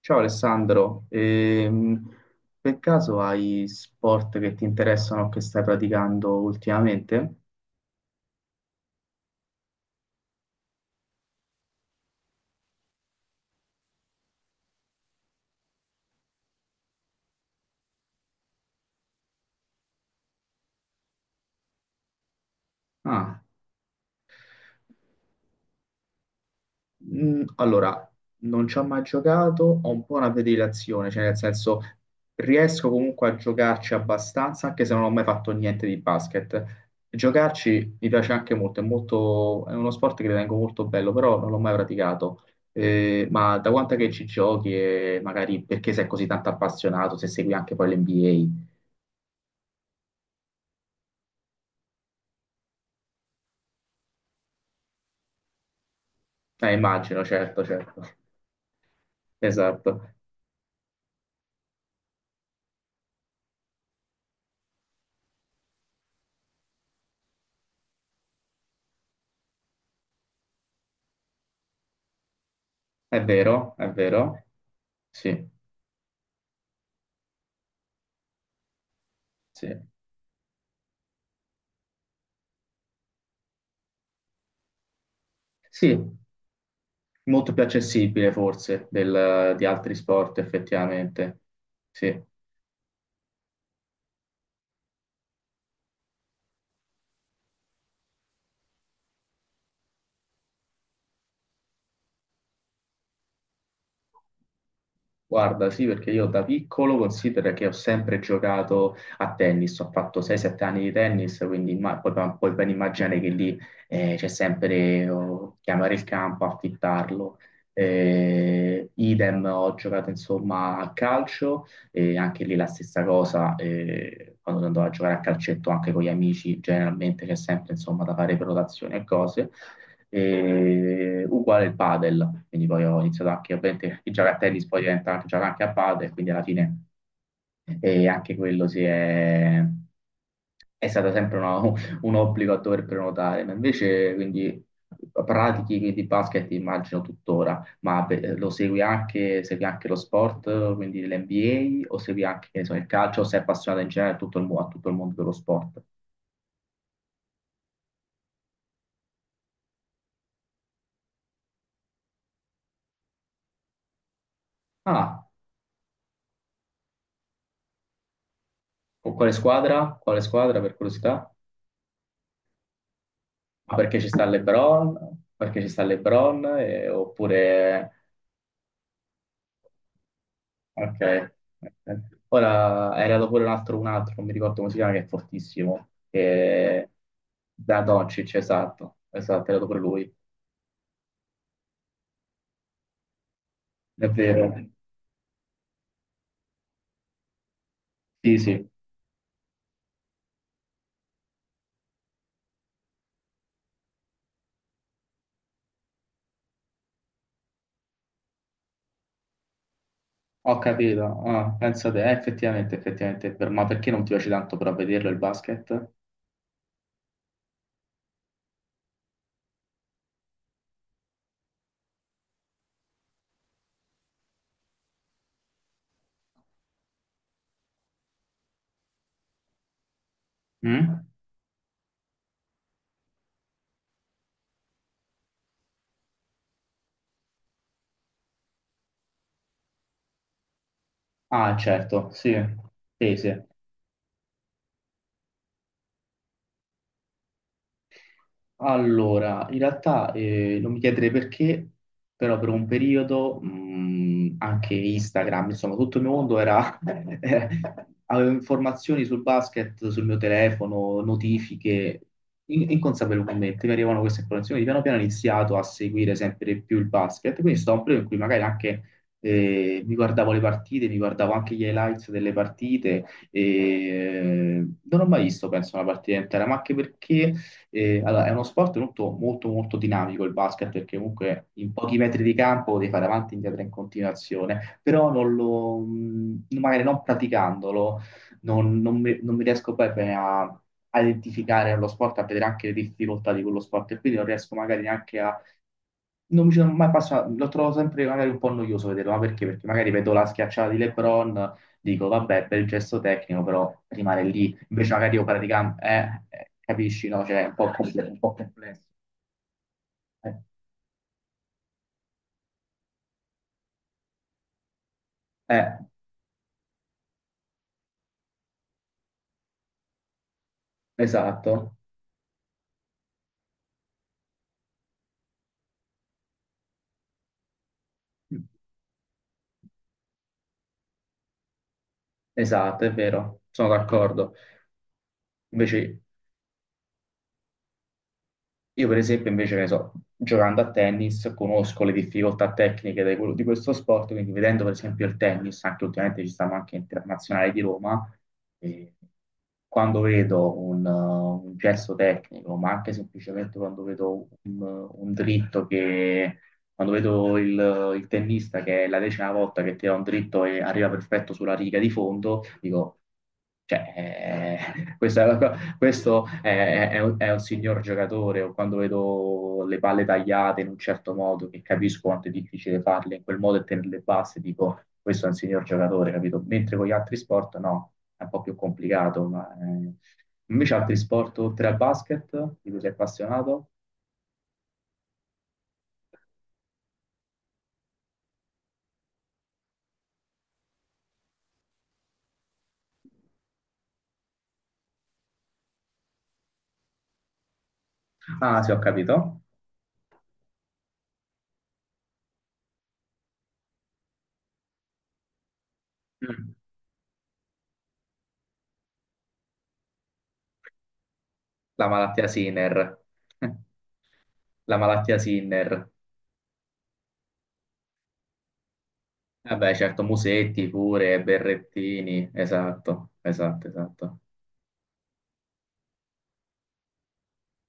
Ciao Alessandro, per caso hai sport che ti interessano o che stai praticando ultimamente? Ah, allora, non ci ho mai giocato, ho un po' una predilezione, cioè nel senso riesco comunque a giocarci abbastanza, anche se non ho mai fatto niente di basket. Giocarci mi piace anche molto, è uno sport che ritengo molto bello, però non l'ho mai praticato. Ma da quanto è che ci giochi e magari perché sei così tanto appassionato, se segui anche poi l'NBA? Immagino, certo, certo. Esatto. È vero, è vero. Sì, sì. Sì, molto più accessibile forse di altri sport effettivamente. Sì. Guarda, sì, perché io da piccolo considero che ho sempre giocato a tennis, ho fatto 6-7 anni di tennis, quindi puoi ben immaginare che lì c'è sempre chiamare il campo, affittarlo. Idem, ho giocato insomma a calcio anche lì la stessa cosa, quando andavo a giocare a calcetto anche con gli amici, generalmente che è sempre insomma da fare prenotazioni e cose, e uguale il padel, quindi poi ho iniziato anche, ovviamente, il giocare a tennis poi diventa anche giocare anche a padel, quindi alla fine e anche quello è stato sempre un obbligo a dover prenotare. Ma invece quindi pratichi di basket immagino tuttora, ma beh, segui anche lo sport, quindi l'NBA, o segui anche che ne so, il calcio, o sei appassionato in generale a tutto il mondo dello sport? Ah, con quale squadra? Quale squadra per curiosità? Ah, perché ci sta LeBron? Perché ci sta LeBron? Oppure Ok. Ora è arrivato pure un altro, non mi ricordo come si chiama, che è fortissimo. Da Doncic, esatto, esatto, è arrivato pure lui. È vero. Sì, sì, ho capito. Ah, pensa te, effettivamente, effettivamente è vero. Ma perché non ti piace tanto però vederlo il basket? Mm? Ah, certo, sì, sì, sì. Allora, in realtà non mi chiederei perché, però per un periodo anche Instagram, insomma, tutto il mio mondo era. Avevo informazioni sul basket, sul mio telefono, notifiche, inconsapevolmente mi arrivavano queste informazioni. Piano piano ho iniziato a seguire sempre più il basket, quindi è stato un periodo in cui magari anche mi guardavo le partite, mi guardavo anche gli highlights delle partite, e non ho mai visto, penso, una partita intera. Allora, è uno sport molto, molto, molto dinamico il basket perché comunque in pochi metri di campo devi fare avanti e indietro in continuazione, però non lo, magari non praticandolo non mi riesco poi bene a identificare lo sport, a vedere anche le difficoltà di quello sport e quindi non riesco magari neanche Non mi ci sono mai passato, lo trovo sempre magari un po' noioso vederlo, ma perché? Perché magari vedo la schiacciata di LeBron, dico vabbè, bel gesto tecnico, però rimane lì. Invece magari io praticamente, capisci, no? Cioè, è un po' complesso, un po' complesso. Eh, eh, esatto, esatto, è vero, sono d'accordo. Invece io per esempio, invece, che ne so, giocando a tennis, conosco le difficoltà tecniche di di questo sport, quindi vedendo per esempio il tennis, anche ultimamente ci stanno anche internazionali di Roma, e quando vedo un gesto tecnico, ma anche semplicemente quando vedo un dritto che quando vedo il tennista che è la 10ª volta che tira un dritto e arriva perfetto sulla riga di fondo, dico, cioè, eh, questo, è, questo è un signor giocatore. O quando vedo le palle tagliate in un certo modo, che capisco quanto è difficile farle in quel modo e tenerle basse, dico, questo è un signor giocatore, capito? Mentre con gli altri sport, no, è un po' più complicato. Invece altri sport oltre al basket, di cui sei appassionato? Ah, sì, ho capito. La malattia Sinner. La malattia Sinner. Vabbè, certo, Musetti pure, Berrettini. Esatto, esatto, esatto.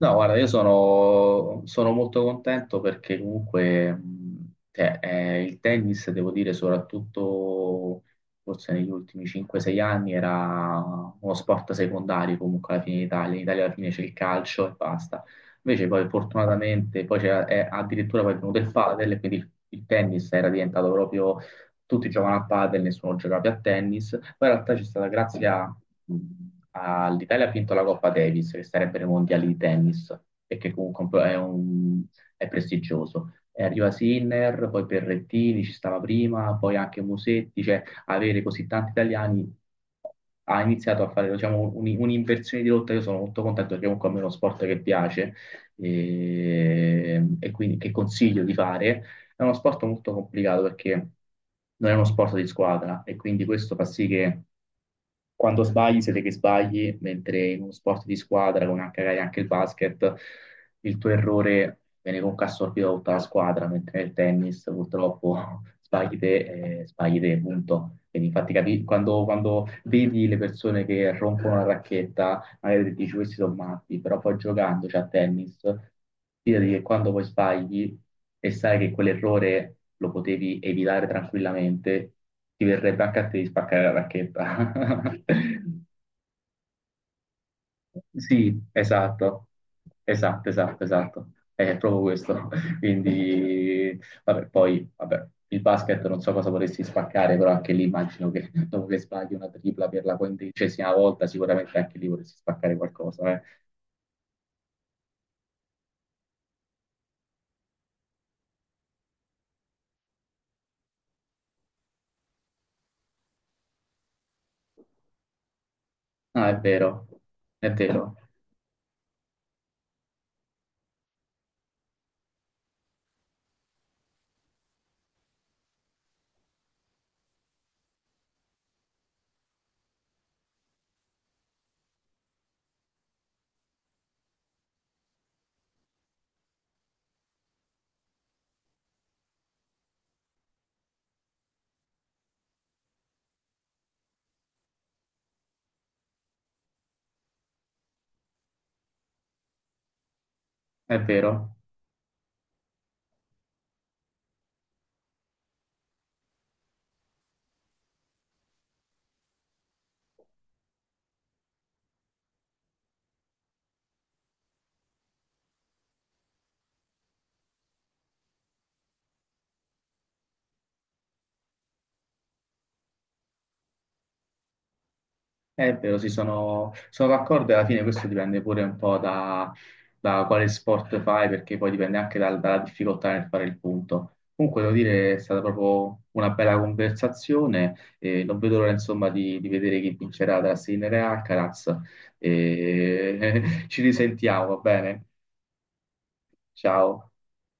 No, guarda, io sono molto contento perché comunque cioè, il tennis, devo dire, soprattutto forse negli ultimi 5-6 anni era uno sport secondario comunque alla fine in Italia. In Italia alla fine c'è il calcio e basta. Invece poi fortunatamente poi è addirittura poi è venuto il padel, e quindi il tennis era diventato proprio tutti giocano a padel, nessuno giocava più a tennis, poi in realtà c'è stata grazie a- all'Italia ha vinto la Coppa Davis, che sarebbero i mondiali di tennis, e che comunque un po' è prestigioso. E arriva Sinner, poi Berrettini ci stava prima, poi anche Musetti, cioè avere così tanti italiani ha iniziato a fare diciamo, un'inversione di rotta. Io sono molto contento perché comunque a me è uno sport che piace e quindi che consiglio di fare è uno sport molto complicato perché non è uno sport di squadra e quindi questo fa sì che quando sbagli siete che sbagli, mentre in uno sport di squadra, come anche magari anche il basket, il tuo errore viene comunque assorbito da tutta la squadra, mentre nel tennis purtroppo sbagli te, punto. Quindi infatti quando vedi le persone che rompono la racchetta magari dici questi sono matti, però poi giocandoci a tennis, fidati che quando poi sbagli e sai che quell'errore lo potevi evitare tranquillamente, ti verrebbe anche a te di spaccare la racchetta. Sì, esatto, esatto, esatto, esatto. È proprio questo. Quindi, vabbè, poi, vabbè, il basket non so cosa vorresti spaccare, però anche lì immagino che dopo che sbagli una tripla per la 15ª volta, sicuramente anche lì vorresti spaccare qualcosa, eh. No, è vero, è vero, è vero, è vero, sì, sono d'accordo e alla fine questo dipende pure un po' da quale sport fai, perché poi dipende anche dalla difficoltà nel fare il punto. Comunque, devo dire, è stata proprio una bella conversazione e non vedo l'ora, insomma, di vedere chi vincerà tra Sinner e Alcaraz. Ci risentiamo, va bene? Ciao.